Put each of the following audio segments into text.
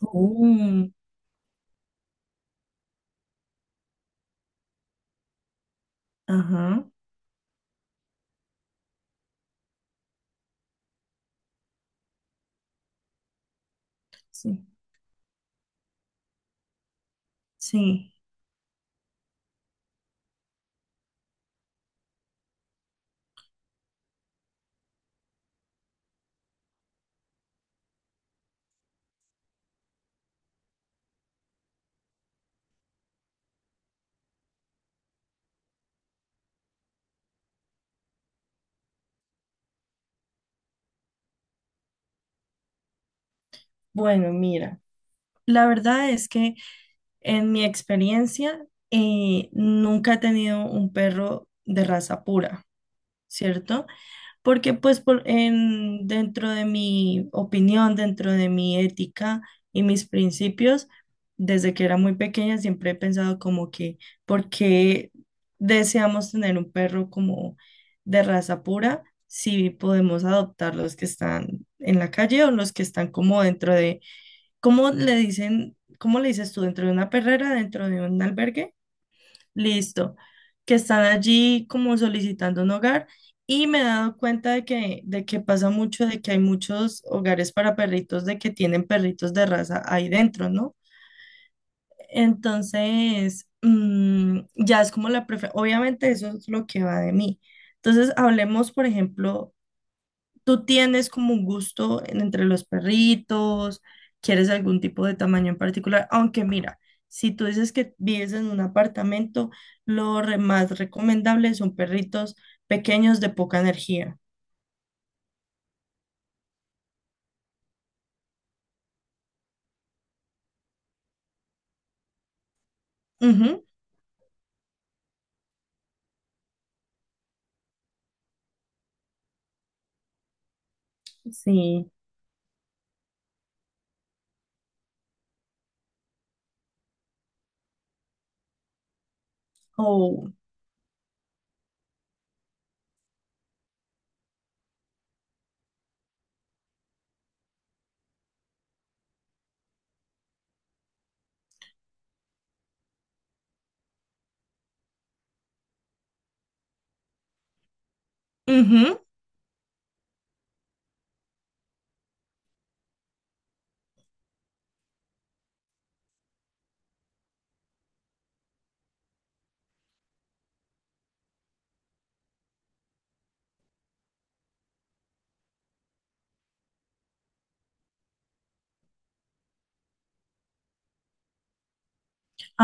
Uh, ajá, sí, sí. Bueno, mira, la verdad es que en mi experiencia nunca he tenido un perro de raza pura, ¿cierto? Porque pues dentro de mi opinión, dentro de mi ética y mis principios, desde que era muy pequeña siempre he pensado como que, ¿por qué deseamos tener un perro como de raza pura si podemos adoptar los que están en la calle o los que están como ¿cómo le dicen, cómo le dices tú, dentro de una perrera, dentro de un albergue? Listo, que están allí como solicitando un hogar y me he dado cuenta de que pasa mucho, de que hay muchos hogares para perritos, de que tienen perritos de raza ahí dentro, ¿no? Entonces, ya es como la preferencia, obviamente eso es lo que va de mí. Entonces, hablemos, por ejemplo, ¿tú tienes como un gusto entre los perritos? ¿Quieres algún tipo de tamaño en particular? Aunque mira, si tú dices que vives en un apartamento, más recomendable son perritos pequeños de poca energía. Ujú, sí. Oh. Ujú,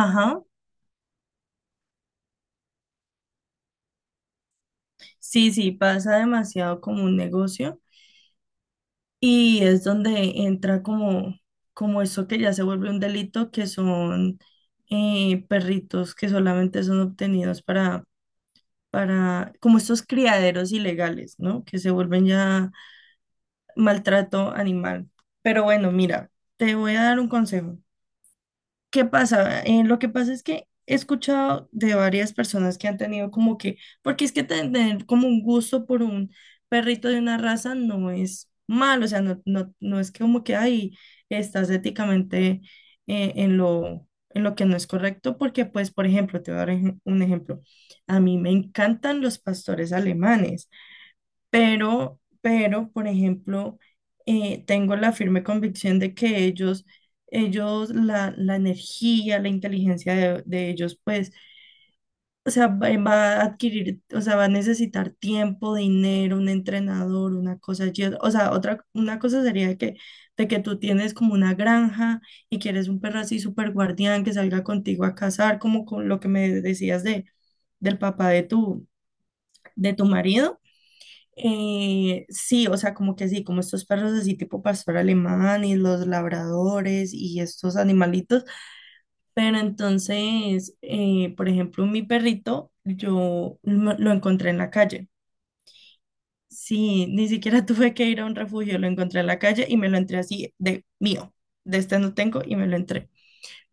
ajá. Sí, sí, pasa demasiado como un negocio y es donde entra como, como eso que ya se vuelve un delito, que son perritos que solamente son obtenidos para, como estos criaderos ilegales, ¿no? Que se vuelven ya maltrato animal. Pero bueno, mira, te voy a dar un consejo. ¿Qué pasa? Lo que pasa es que he escuchado de varias personas que han tenido como que, porque es que tener como un gusto por un perrito de una raza no es malo, o sea, no, no, no es que como que ahí estás éticamente en en lo que no es correcto, porque pues, por ejemplo, te voy a dar un ejemplo. A mí me encantan los pastores alemanes pero, por ejemplo, tengo la firme convicción de que ellos, la energía, la inteligencia de ellos, pues, o sea, va a adquirir, o sea, va a necesitar tiempo, dinero, un entrenador, una cosa, y una cosa sería de que tú tienes como una granja y quieres un perro así súper guardián que salga contigo a cazar, como con lo que me decías del papá de tu marido. Sí, o sea, como que sí, como estos perros así tipo pastor alemán y los labradores y estos animalitos, pero entonces, por ejemplo, mi perrito, yo lo encontré en la calle. Sí, ni siquiera tuve que ir a un refugio, lo encontré en la calle y me lo entré así de mío, de este no tengo y me lo entré.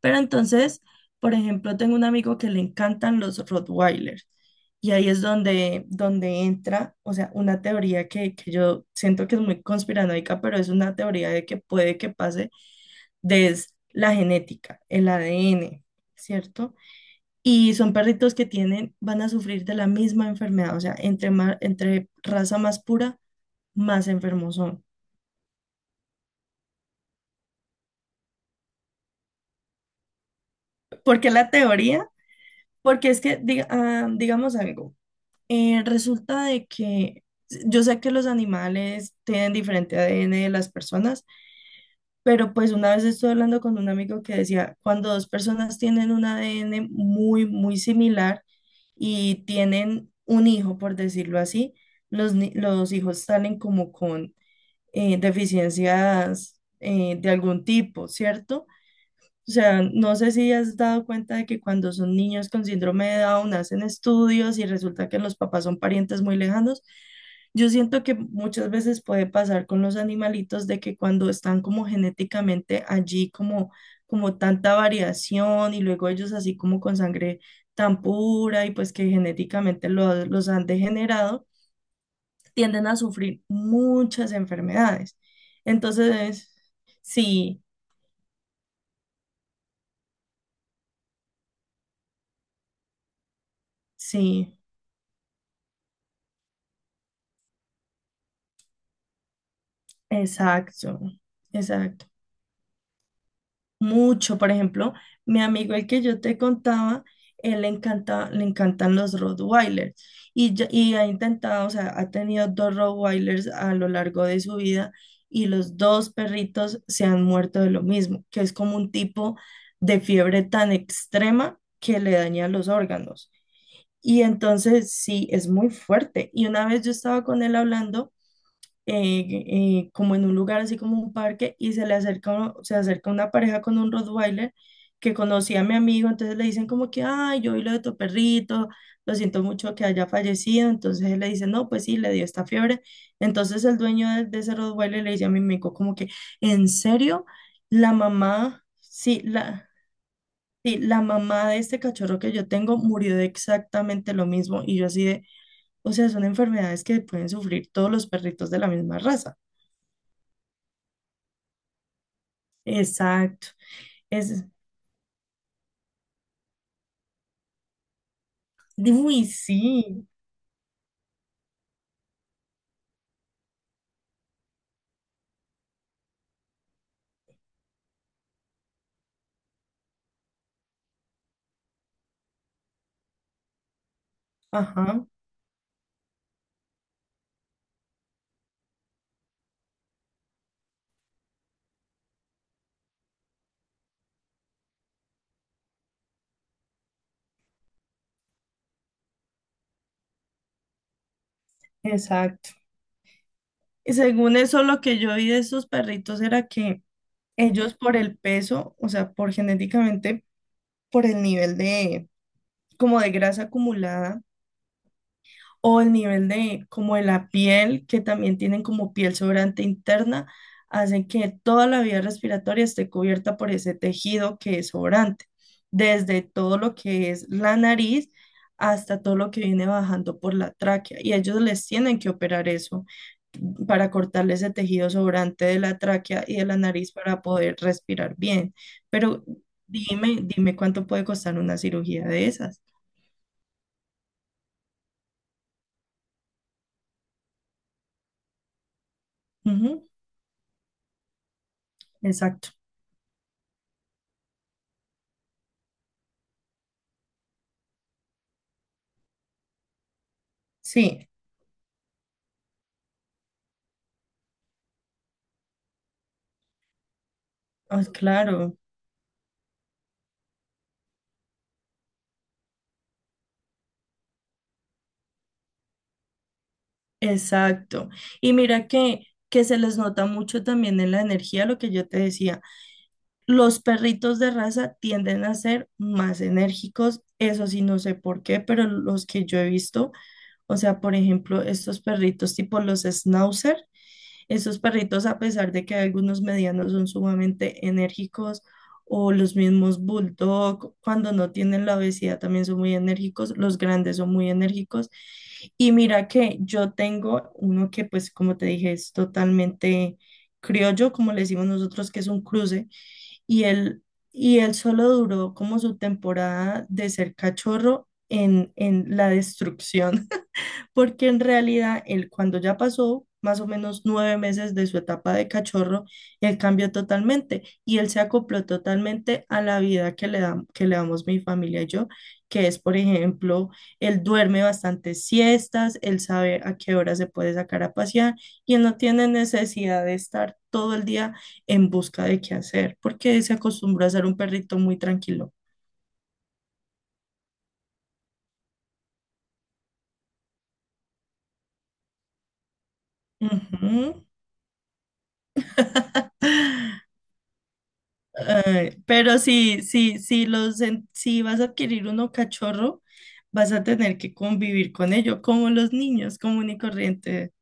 Pero entonces, por ejemplo, tengo un amigo que le encantan los Rottweilers y ahí es donde, donde entra, o sea, una teoría que yo siento que es muy conspiranoica, pero es una teoría de que puede que pase desde la genética, el ADN, ¿cierto? Y son perritos que tienen, van a sufrir de la misma enfermedad, o sea, entre raza más pura, más enfermos son. ¿Por qué la teoría? Porque es que, digamos algo. Resulta de que yo sé que los animales tienen diferente ADN de las personas, pero pues una vez estuve hablando con un amigo que decía, cuando dos personas tienen un ADN muy, muy similar y tienen un hijo, por decirlo así, los, ni- los hijos salen como con deficiencias de algún tipo, ¿cierto? O sea, no sé si has dado cuenta de que cuando son niños con síndrome de Down hacen estudios y resulta que los papás son parientes muy lejanos. Yo siento que muchas veces puede pasar con los animalitos de que cuando están como genéticamente allí, como, como tanta variación y luego ellos así como con sangre tan pura y pues que genéticamente los han degenerado, tienden a sufrir muchas enfermedades. Entonces, sí, sí. Exacto, exacto. Mucho, por ejemplo, mi amigo el que yo te contaba, él le encanta, le encantan los Rottweilers y ha intentado, o sea, ha tenido dos Rottweilers a lo largo de su vida y los dos perritos se han muerto de lo mismo, que es como un tipo de fiebre tan extrema que le daña los órganos. Y entonces sí, es muy fuerte. Y una vez yo estaba con él hablando como en un lugar así como un parque y se le acerca, uno- se acerca una pareja con un Rottweiler que conocía a mi amigo, entonces le dicen como que, ay, yo vi lo de tu perrito, lo siento mucho que haya fallecido, entonces él le dice, no, pues sí, le dio esta fiebre, entonces el dueño de ese Rottweiler le dice a mi amigo como que, ¿en serio? La mamá, sí, la... Sí, la mamá de este cachorro que yo tengo murió de exactamente lo mismo y yo así de, o sea, son enfermedades que pueden sufrir todos los perritos de la misma raza. Exacto. Es, uy, sí. Ajá, exacto. Y según eso, lo que yo vi de esos perritos era que ellos por el peso, o sea, por genéticamente, por el nivel de, como de grasa acumulada, o el nivel de como de la piel, que también tienen como piel sobrante interna, hacen que toda la vía respiratoria esté cubierta por ese tejido que es sobrante, desde todo lo que es la nariz hasta todo lo que viene bajando por la tráquea. Y ellos les tienen que operar eso para cortarle ese tejido sobrante de la tráquea y de la nariz para poder respirar bien. Pero dime, dime cuánto puede costar una cirugía de esas. Ujú, exacto. Sí, ah, claro, exacto. Y mira que se les nota mucho también en la energía, lo que yo te decía. Los perritos de raza tienden a ser más enérgicos, eso sí, no sé por qué, pero los que yo he visto, o sea, por ejemplo, estos perritos tipo los Schnauzer. Estos perritos, a pesar de que algunos medianos son sumamente enérgicos, o los mismos bulldog, cuando no tienen la obesidad también son muy enérgicos, los grandes son muy enérgicos. Y mira que yo tengo uno que, pues, como te dije, es totalmente criollo, como le decimos nosotros, que es un cruce, y él, y él solo duró como su temporada de ser cachorro en la destrucción porque en realidad él cuando ya pasó más o menos 9 meses de su etapa de cachorro, él cambió totalmente y él se acopló totalmente a la vida que que le damos mi familia y yo, que es, por ejemplo, él duerme bastantes siestas, él sabe a qué hora se puede sacar a pasear y él no tiene necesidad de estar todo el día en busca de qué hacer, porque se acostumbró a ser un perrito muy tranquilo. Ujú. Ay, pero sí, sí, sí los, si vas a adquirir uno cachorro, vas a tener que convivir con ello, como los niños, común y corriente.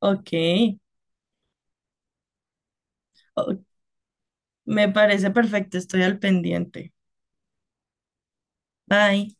Ok, o- me parece perfecto, estoy al pendiente. Bye.